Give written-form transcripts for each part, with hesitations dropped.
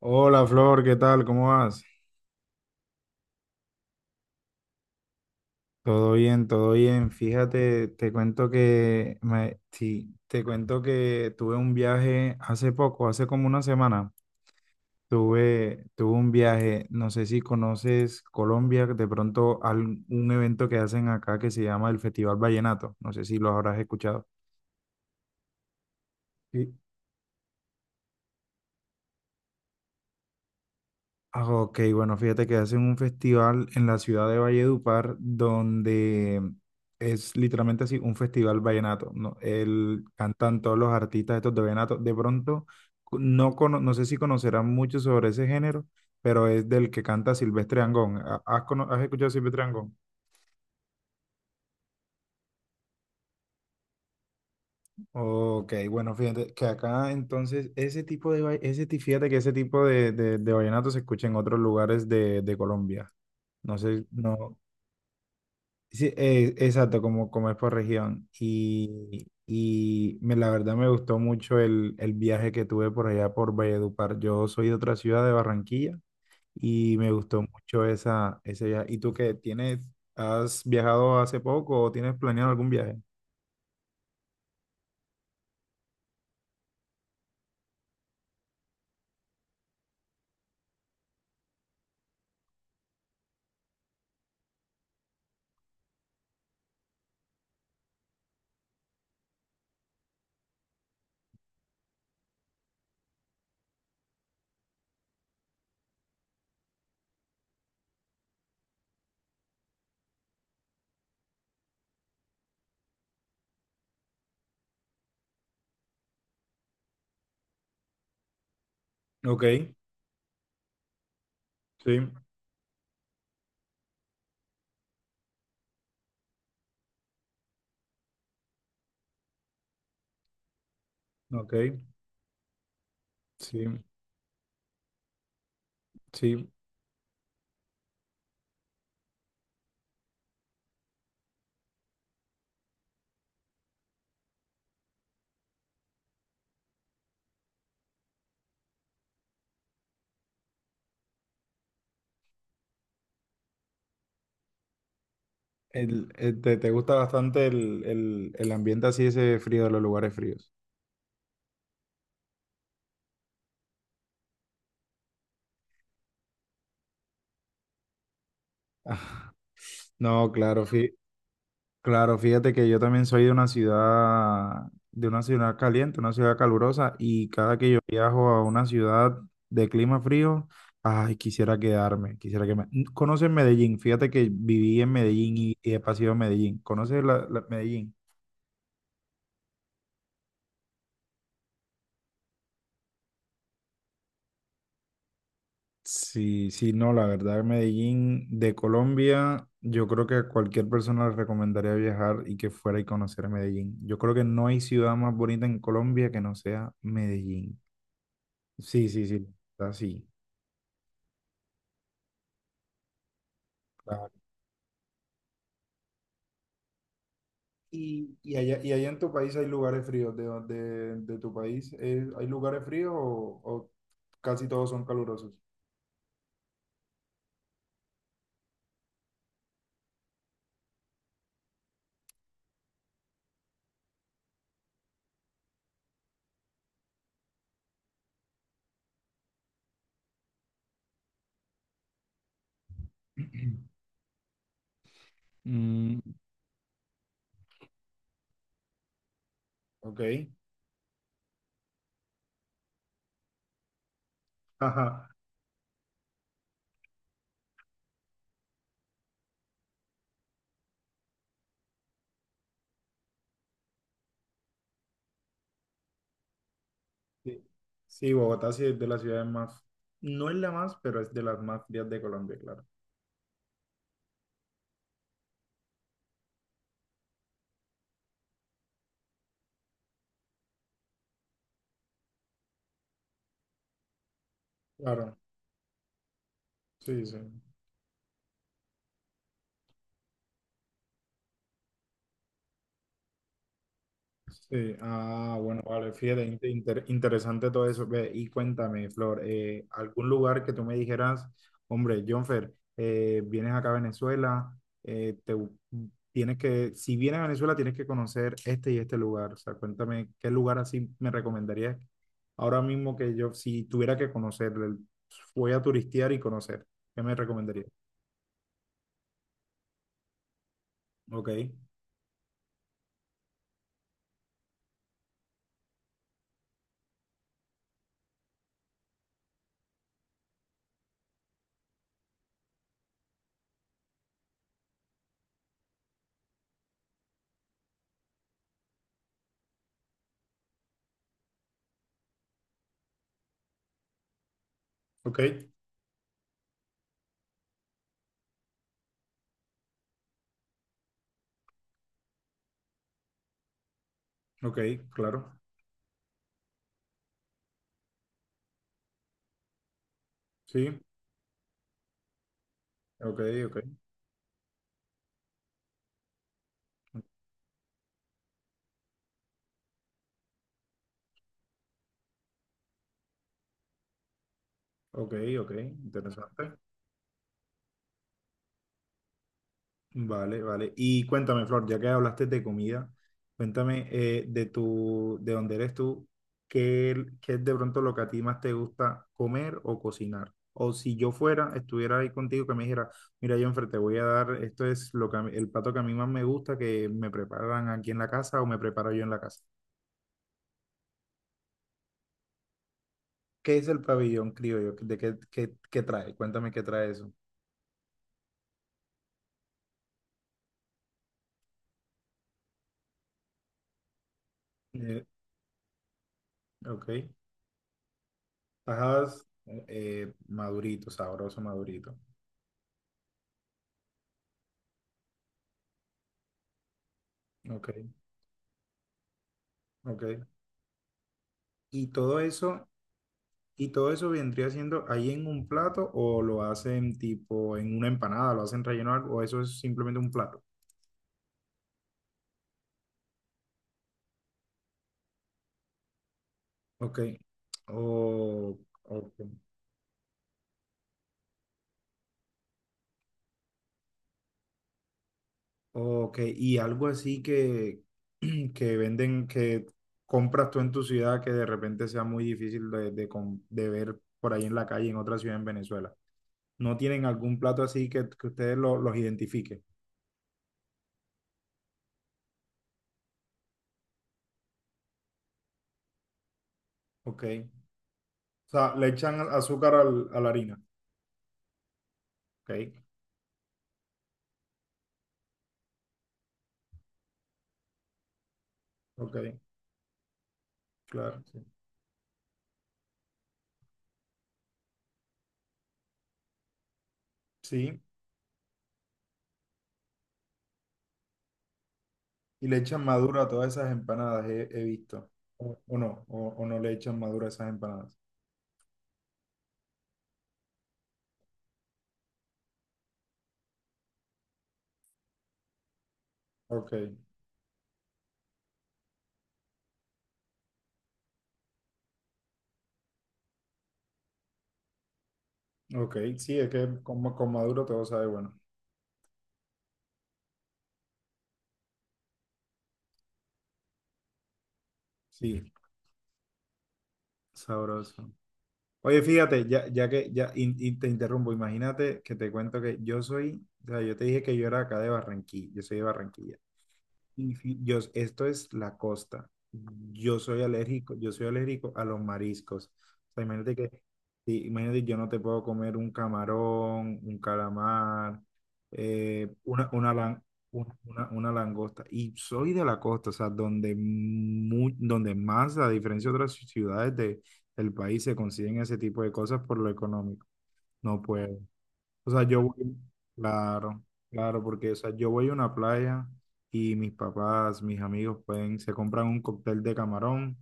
Hola Flor, ¿qué tal? ¿Cómo vas? Todo bien, todo bien. Fíjate, te cuento que tuve un viaje hace poco, hace como una semana. Tuve un viaje, no sé si conoces Colombia, de pronto un evento que hacen acá que se llama el Festival Vallenato. No sé si lo habrás escuchado. Sí. Ah, ok, bueno, fíjate que hacen un festival en la ciudad de Valledupar donde es literalmente así, un festival vallenato, ¿no? El, cantan todos los artistas estos de vallenato. De pronto, no sé si conocerán mucho sobre ese género, pero es del que canta Silvestre Angón. ¿¿ Has escuchado a Silvestre Angón? Ok, bueno, fíjate que acá entonces ese tipo de, va- ese, ti- fíjate que ese tipo de vallenato se escucha en otros lugares de Colombia. No sé, no. Sí, exacto, como es por región. La verdad me gustó mucho el viaje que tuve por allá por Valledupar. Yo soy de otra ciudad, de Barranquilla, y me gustó mucho ese viaje. ¿Y tú qué tienes? ¿Has viajado hace poco o tienes planeado algún viaje? Ok, sí, ok, sí, sí. Te gusta bastante el ambiente así, ese frío de los lugares fríos. No, claro, claro, fíjate que yo también soy de una ciudad caliente, una ciudad calurosa, y cada que yo viajo a una ciudad de clima frío, ay, quisiera quedarme, quisiera que me... ¿Conoces Medellín? Fíjate que viví en Medellín y he pasado a Medellín. ¿Conoces Medellín? Sí, sí, no, la verdad, Medellín de Colombia, yo creo que a cualquier persona le recomendaría viajar y que fuera y conocer Medellín. Yo creo que no hay ciudad más bonita en Colombia que no sea Medellín. Sí, sí, sí, así. Claro. Y allá en tu país hay lugares fríos, de tu país, ¿hay lugares fríos o casi todos son calurosos? Mm, ok. Ajá. Sí, sí, Bogotá sí es de las ciudades más, no es la más, pero es de las más frías de Colombia, claro. Claro, sí, sí. Sí, ah, bueno, vale, fíjate, interesante todo eso. Ve, y cuéntame, Flor, ¿algún lugar que tú me dijeras, hombre, Jonfer, vienes acá a Venezuela, eh, te, bu- tienes que, si vienes a Venezuela tienes que conocer este y este lugar? O sea, cuéntame, ¿qué lugar así me recomendarías ahora mismo que yo, si tuviera que conocer, voy a turistear y conocer, ¿qué me recomendarías? Ok, ok, ok, claro, sí, ok, ok, ok, ok, interesante. Vale, vale. Y cuéntame, Flor, ya que hablaste de comida, cuéntame, de tu, de dónde eres tú, qué es de pronto lo que a ti más te gusta comer o cocinar. O si yo fuera, estuviera ahí contigo, que me dijera, mira, Jonfer, te voy a dar, esto es lo que a mí- el plato que a mí más me gusta, que me preparan aquí en la casa o me preparo yo en la casa. ¿Qué es el pabellón criollo? ¿ Qué trae? Cuéntame qué trae eso. Eh, ok. Tajadas, madurito, sabroso, madurito. Ok, ok. Y todo eso, y todo eso vendría siendo ahí en un plato, o lo hacen tipo en una empanada, lo hacen relleno de algo, o eso es simplemente un plato. Ok. O, ok. Ok, y algo así que, que venden, que compras tú en tu ciudad que de repente sea muy difícil de ver por ahí en la calle, en otra ciudad en Venezuela. ¿No tienen algún plato así que ustedes los identifiquen? Ok. O sea, le echan azúcar a la harina. Ok. Ok, claro, sí. Sí, y le echan madura a todas esas empanadas, he visto. O, no le echan madura a esas empanadas. Ok, ok, sí, es que con, con maduro todo sabe bueno. Sí, sabroso. Oye, fíjate, ya que te interrumpo, imagínate que te cuento que yo soy, o sea, yo te dije que yo era acá de Barranquilla, yo soy de Barranquilla. Y yo, esto es la costa. Yo soy alérgico a los mariscos. O sea, imagínate que, sí, imagínate, yo no te puedo comer un camarón, un calamar, eh, una, una, lan- una langosta. Y soy de la costa, o sea, donde, donde más, a diferencia de otras ciudades de, del país, se consiguen ese tipo de cosas por lo económico. No puedo. O sea, yo voy, claro, claro, porque o sea, yo voy a una playa y mis papás, mis amigos pueden, se compran un cóctel de camarón,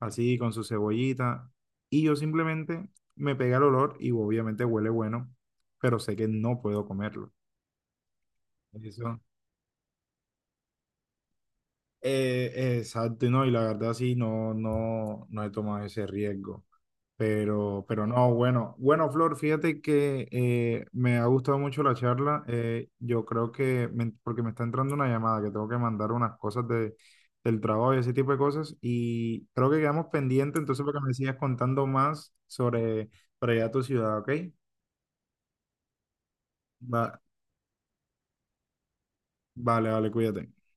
así con su cebollita, y yo simplemente me pega el olor y obviamente huele bueno, pero sé que no puedo comerlo. Eso, eh, exacto, y no, y la verdad sí, no, no, no he tomado ese riesgo. Pero no, bueno, bueno, Flor, fíjate que me ha gustado mucho la charla. Yo creo que, porque me está entrando una llamada, que tengo que mandar unas cosas del trabajo y ese tipo de cosas. Y creo que quedamos pendientes, entonces, para que me sigas contando más sobre, para allá tu ciudad, ¿ok? Va, vale, vale, cuídate.